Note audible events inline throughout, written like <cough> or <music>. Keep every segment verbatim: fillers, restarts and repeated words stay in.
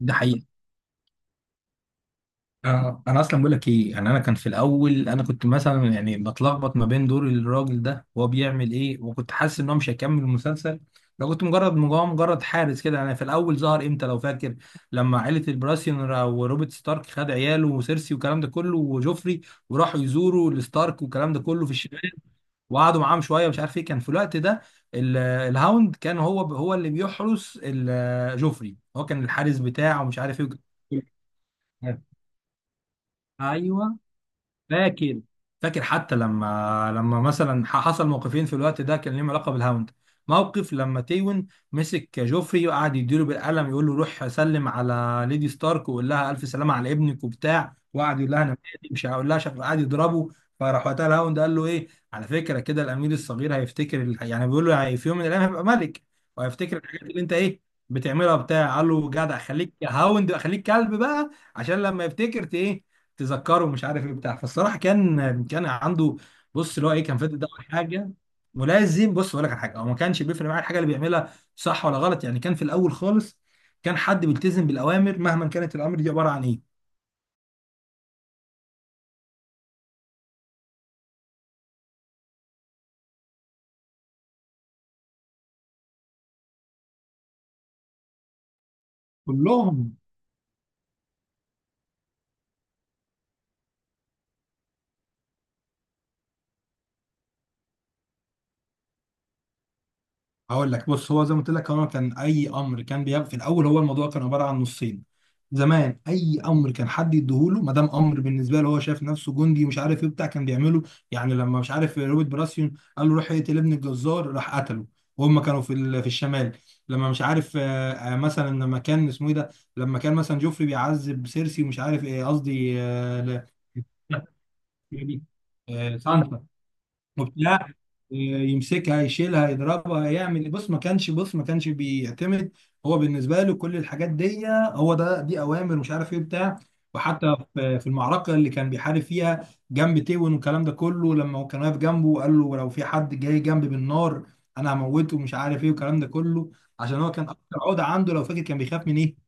ده حقيقي. آه، انا اصلا بقول لك ايه، يعني انا كان في الاول انا كنت مثلا يعني بتلخبط ما بين دور الراجل ده وهو بيعمل ايه، وكنت حاسس ان هو مش هيكمل المسلسل لو كنت مجرد مجرد مجرد حارس كده. يعني في الاول ظهر امتى لو فاكر؟ لما عائله البراسيون وروبرت ستارك خد عياله وسيرسي والكلام ده كله وجوفري وراحوا يزوروا الستارك والكلام ده كله في الشمال، وقعدوا معاهم شويه مش عارف ايه كان في الوقت ده. ال- الهاوند كان هو هو اللي بيحرس ال- جوفري، هو كان الحارس بتاعه ومش عارف ايه. ايوه فاكر. فاكر حتى لما لما مثلا ح- حصل موقفين في الوقت ده كان ليهم علاقه بالهاوند. موقف لما تيون مسك جوفري وقعد يديله بالقلم، يقول له روح سلم على ليدي ستارك وقول لها الف سلامه على ابنك وبتاع، وقعد يقول لها انا مالي، مش هقول لها شكله، قعد يضربه. فراح وقتها الهاوند قال له ايه على فكره كده، الامير الصغير هيفتكر ال- يعني بيقول له يعني في يوم من الايام هيبقى ملك وهيفتكر الحاجات اللي انت ايه بتعملها بتاع قال له جدع، خليك يا هاوند، خليك كلب بقى عشان لما يفتكر ت- ايه تذكره مش عارف ايه بتاع فالصراحه كان كان عنده بص اللي هو ايه، كان فاتح ده حاجه ملازم. بص اقول لك على حاجه، هو ما كانش بيفرق معاه الحاجه اللي بيعملها صح ولا غلط، يعني كان في الاول خالص كان حد بيلتزم بالاوامر مهما كانت الامر دي عباره عن ايه. كلهم هقول لك بص، هو زي ما قلت لك هو كان اي امر كان بيبقى في الاول، هو الموضوع كان عباره عن نصين. زمان اي امر كان حد يديهوله ما دام امر بالنسبه له، هو شايف نفسه جندي ومش عارف ايه بتاع كان بيعمله. يعني لما مش عارف روبرت براسيون قال له روح اقتل ابن الجزار، راح قتله، وهم كانوا في ال- في الشمال. لما مش عارف آه، آه، مثلا لما كان اسمه ايه ده، لما كان مثلا جوفري بيعذب سيرسي ومش عارف ايه، قصدي آه، لا، <laughs> آه، سانسا وبتاع، يمسكها يشيلها يضربها يعمل. بص ما كانش، بص ما كانش بيعتمد، هو بالنسبه له كل الحاجات دي هو ده، دي اوامر مش عارف ايه بتاع وحتى في في المعركه اللي كان بيحارب فيها جنب تيون والكلام ده كله، لما هو كان واقف جنبه وقال له لو في حد جاي جنبي بالنار انا هموته ومش عارف ايه والكلام ده كله. عشان هو كان اكتر عقده عنده لو فاكر كان بيخاف من ايه؟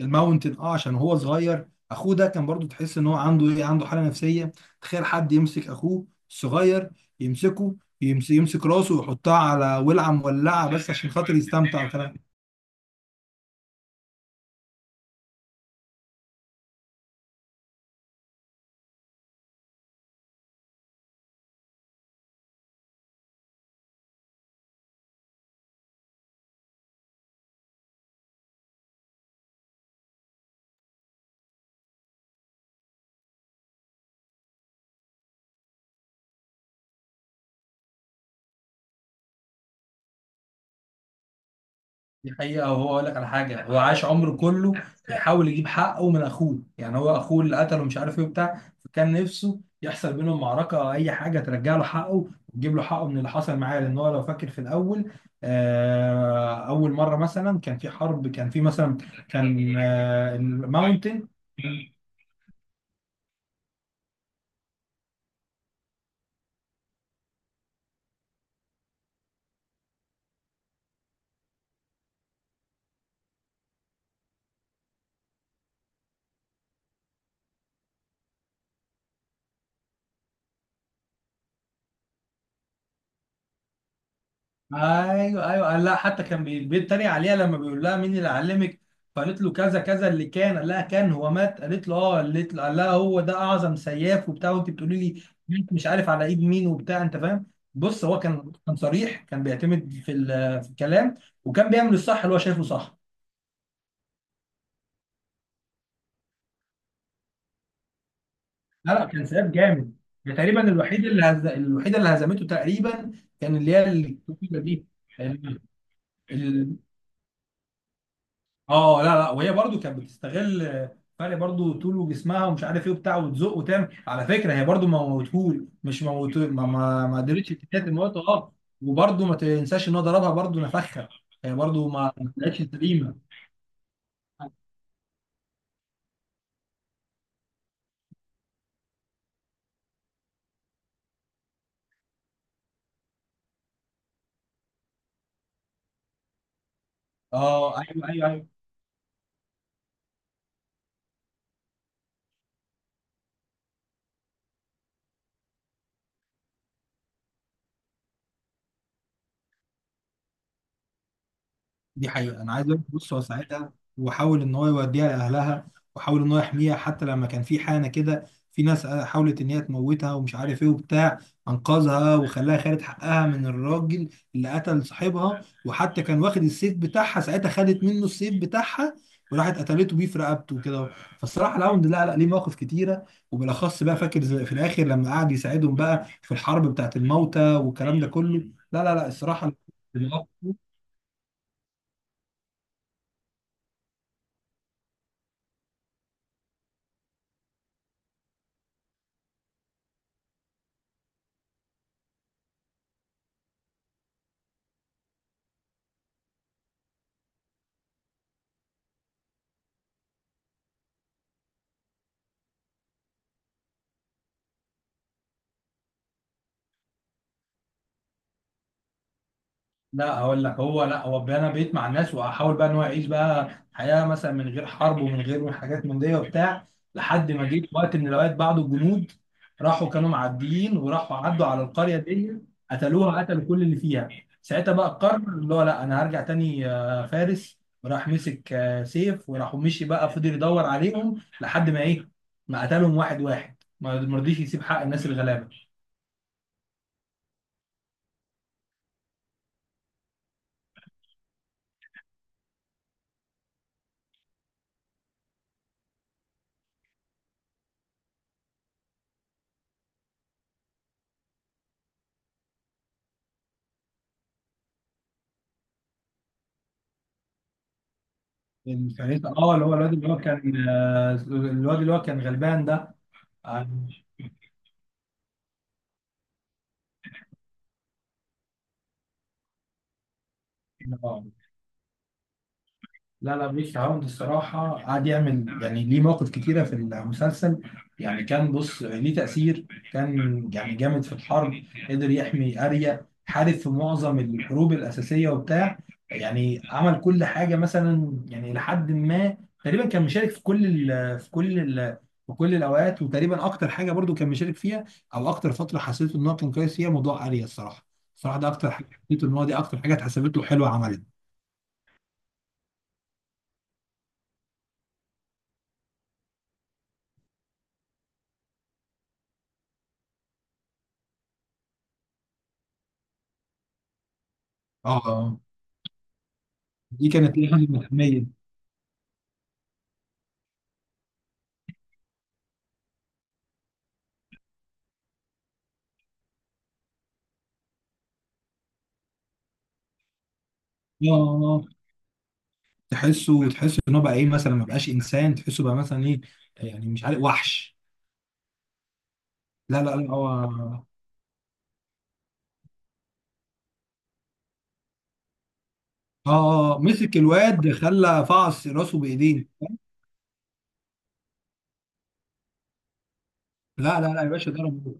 الماونتن. اه عشان هو صغير اخوه ده كان برضو، تحس ان هو عنده ايه، عنده حاله نفسيه. تخيل حد يمسك اخوه الصغير، يمسكه يمسك, يمسك راسه ويحطها على ولعه مولعه بس عشان خاطر يستمتع وكلام. دي حقيقة، وهو أقول لك على حاجة، هو عاش عمره كله بيحاول يجيب حقه من أخوه، يعني هو أخوه اللي قتله مش عارف إيه وبتاع، فكان نفسه يحصل بينهم معركة أو أي حاجة ترجع له حقه وتجيب له حقه من اللي حصل معاه. لأن هو لو فاكر في الأول آه، أول مرة مثلا كان في حرب، كان في مثلا كان آه، الماونتن. ايوه ايوه، قال لها حتى كان بي- بيتريق عليها لما بيقول لها مين اللي علمك، فقالت له كذا كذا اللي كان، قال لها كان هو مات، قالت له اه، قالت له، قال لها هو ده اعظم سياف وبتاع وانت بتقولي لي مات مش عارف على ايد مين وبتاع، انت فاهم. بص هو كان كان صريح، كان بيعتمد في ال- في الكلام، وكان بيعمل الصح اللي هو شايفه صح. لا لا، كان سياف جامد. ده تقريبا الوحيد اللي هز... الوحيده اللي هزمته تقريبا كان اللي هي الكتيبه دي. اه لا لا، وهي برضو كانت بتستغل آه، فرق برضو طول وجسمها ومش عارف ايه وبتاع، وتزق وتعمل. على فكره هي برضو ما موتهول، مش موت، ما ما, ما قدرتش تتكلم الموت اه. وبرضو ما تنساش ان هو ضربها برضو نفخها، هي برضو ما ما طلعتش سليمه. اه ايوه ايوه ايوه. دي حقيقة، أنا عايز أقول لك بص هو ساعتها وحاول إن هو يوديها لأهلها، وحاول إن هو يحميها. حتى لما كان في حانة كده في ناس آه، حاولت إن هي تموتها ومش عارف إيه وبتاع، أنقذها وخلاها خدت حقها من الراجل اللي قتل صاحبها. وحتى كان واخد السيف بتاعها ساعتها، خدت منه السيف بتاعها وراحت قتلته بيه في رقبته وكده. فالصراحة الراوند لا لا ليه مواقف كتيرة، وبالأخص بقى فاكر زي- في الآخر لما قعد يساعدهم بقى في الحرب بتاعت الموتى والكلام ده كله. لا لا لا الصراحة. لا هقول لك هو، لا هو انا بقيت مع الناس واحاول بقى ان هو يعيش بقى حياه مثلا من غير حرب ومن غير حاجات من دي وبتاع، لحد ما جيت وقت من الاوقات بعض الجنود راحوا كانوا معديين وراحوا عدوا على القريه دي، قتلوها، قتلوا كل اللي فيها. ساعتها بقى قرر اللي هو لا انا هرجع تاني آه، فارس، وراح مسك آه، سيف وراح مشي بقى فضل يدور عليهم لحد ما ايه ما قتلهم واحد واحد، ما ما رضيش يسيب حق الناس الغلابه. الفريق اه اللي هو الواد اللي هو كان آه، الواد اللي هو كان غلبان ده. آه، لا لا، بيك عوض الصراحة قعد يعمل يعني ليه مواقف كتيرة في المسلسل. يعني كان بص ليه تأثير، كان يعني جامد في الحرب، قدر يحمي أريا، حارب في معظم الحروب الأساسية وبتاع، يعني عمل كل حاجة مثلا. يعني لحد ما تقريبا كان مشارك في كل ال في كل ال في كل الأوقات، وتقريبا أكتر حاجة برضو كان مشارك فيها أو أكتر فترة حسيت إن هو كان كويس فيها موضوع أريا الصراحة. الصراحة ده أكتر حاجة حسيت إن هو، دي أكتر حاجة اتحسبت له حلوة عملها. اه، دي كانت ليه حاجه ملحميه. اه آه. تحسه، تحسه ان هو بقى ايه مثلا، ما بقاش انسان، تحسه بقى مثلا ايه، يعني مش عارف وحش. لا لا لا هو اه، آه، مسك الواد خلى فعص راسه بايديه. لا لا لا يا باشا ضرب،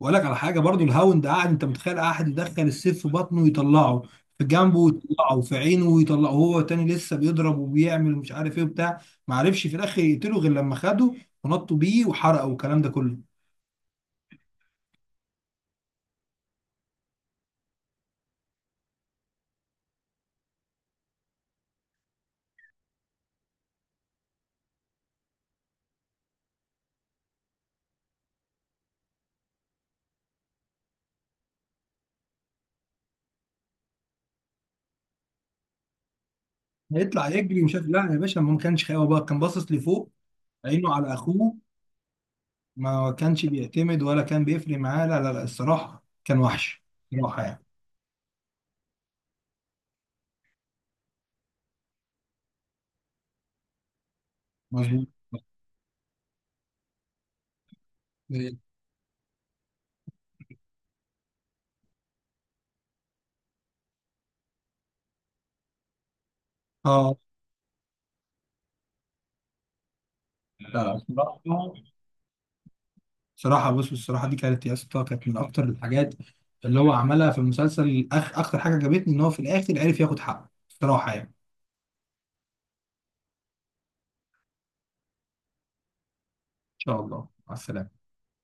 واقول لك على حاجه برضو، الهاوند قاعد انت متخيل قاعد يدخل السيف في بطنه ويطلعه في جنبه ويطلعه في عينه ويطلعه، هو تاني لسه بيضرب وبيعمل مش عارف ايه وبتاع. ما عرفش في الاخر يقتله غير لما خده ونطوا بيه وحرقه والكلام ده كله. هيطلع يجري مش عارف، لا يا باشا ما ما كانش خايف، هو بقى كان باصص لفوق، عينه على اخوه، ما كانش بيعتمد ولا كان بيفرق معاه. لا لا لا الصراحه كان وحش، صراحه يعني. مظبوط اه. لا لا الصراحه، صراحه بص، الصراحه دي كانت يا اسطى كانت من اكتر الحاجات اللي هو عملها في المسلسل. أخ... اكتر حاجه عجبتني ان هو في الاخر عرف ياخد حقه صراحه. يعني ان شاء الله، مع السلامه.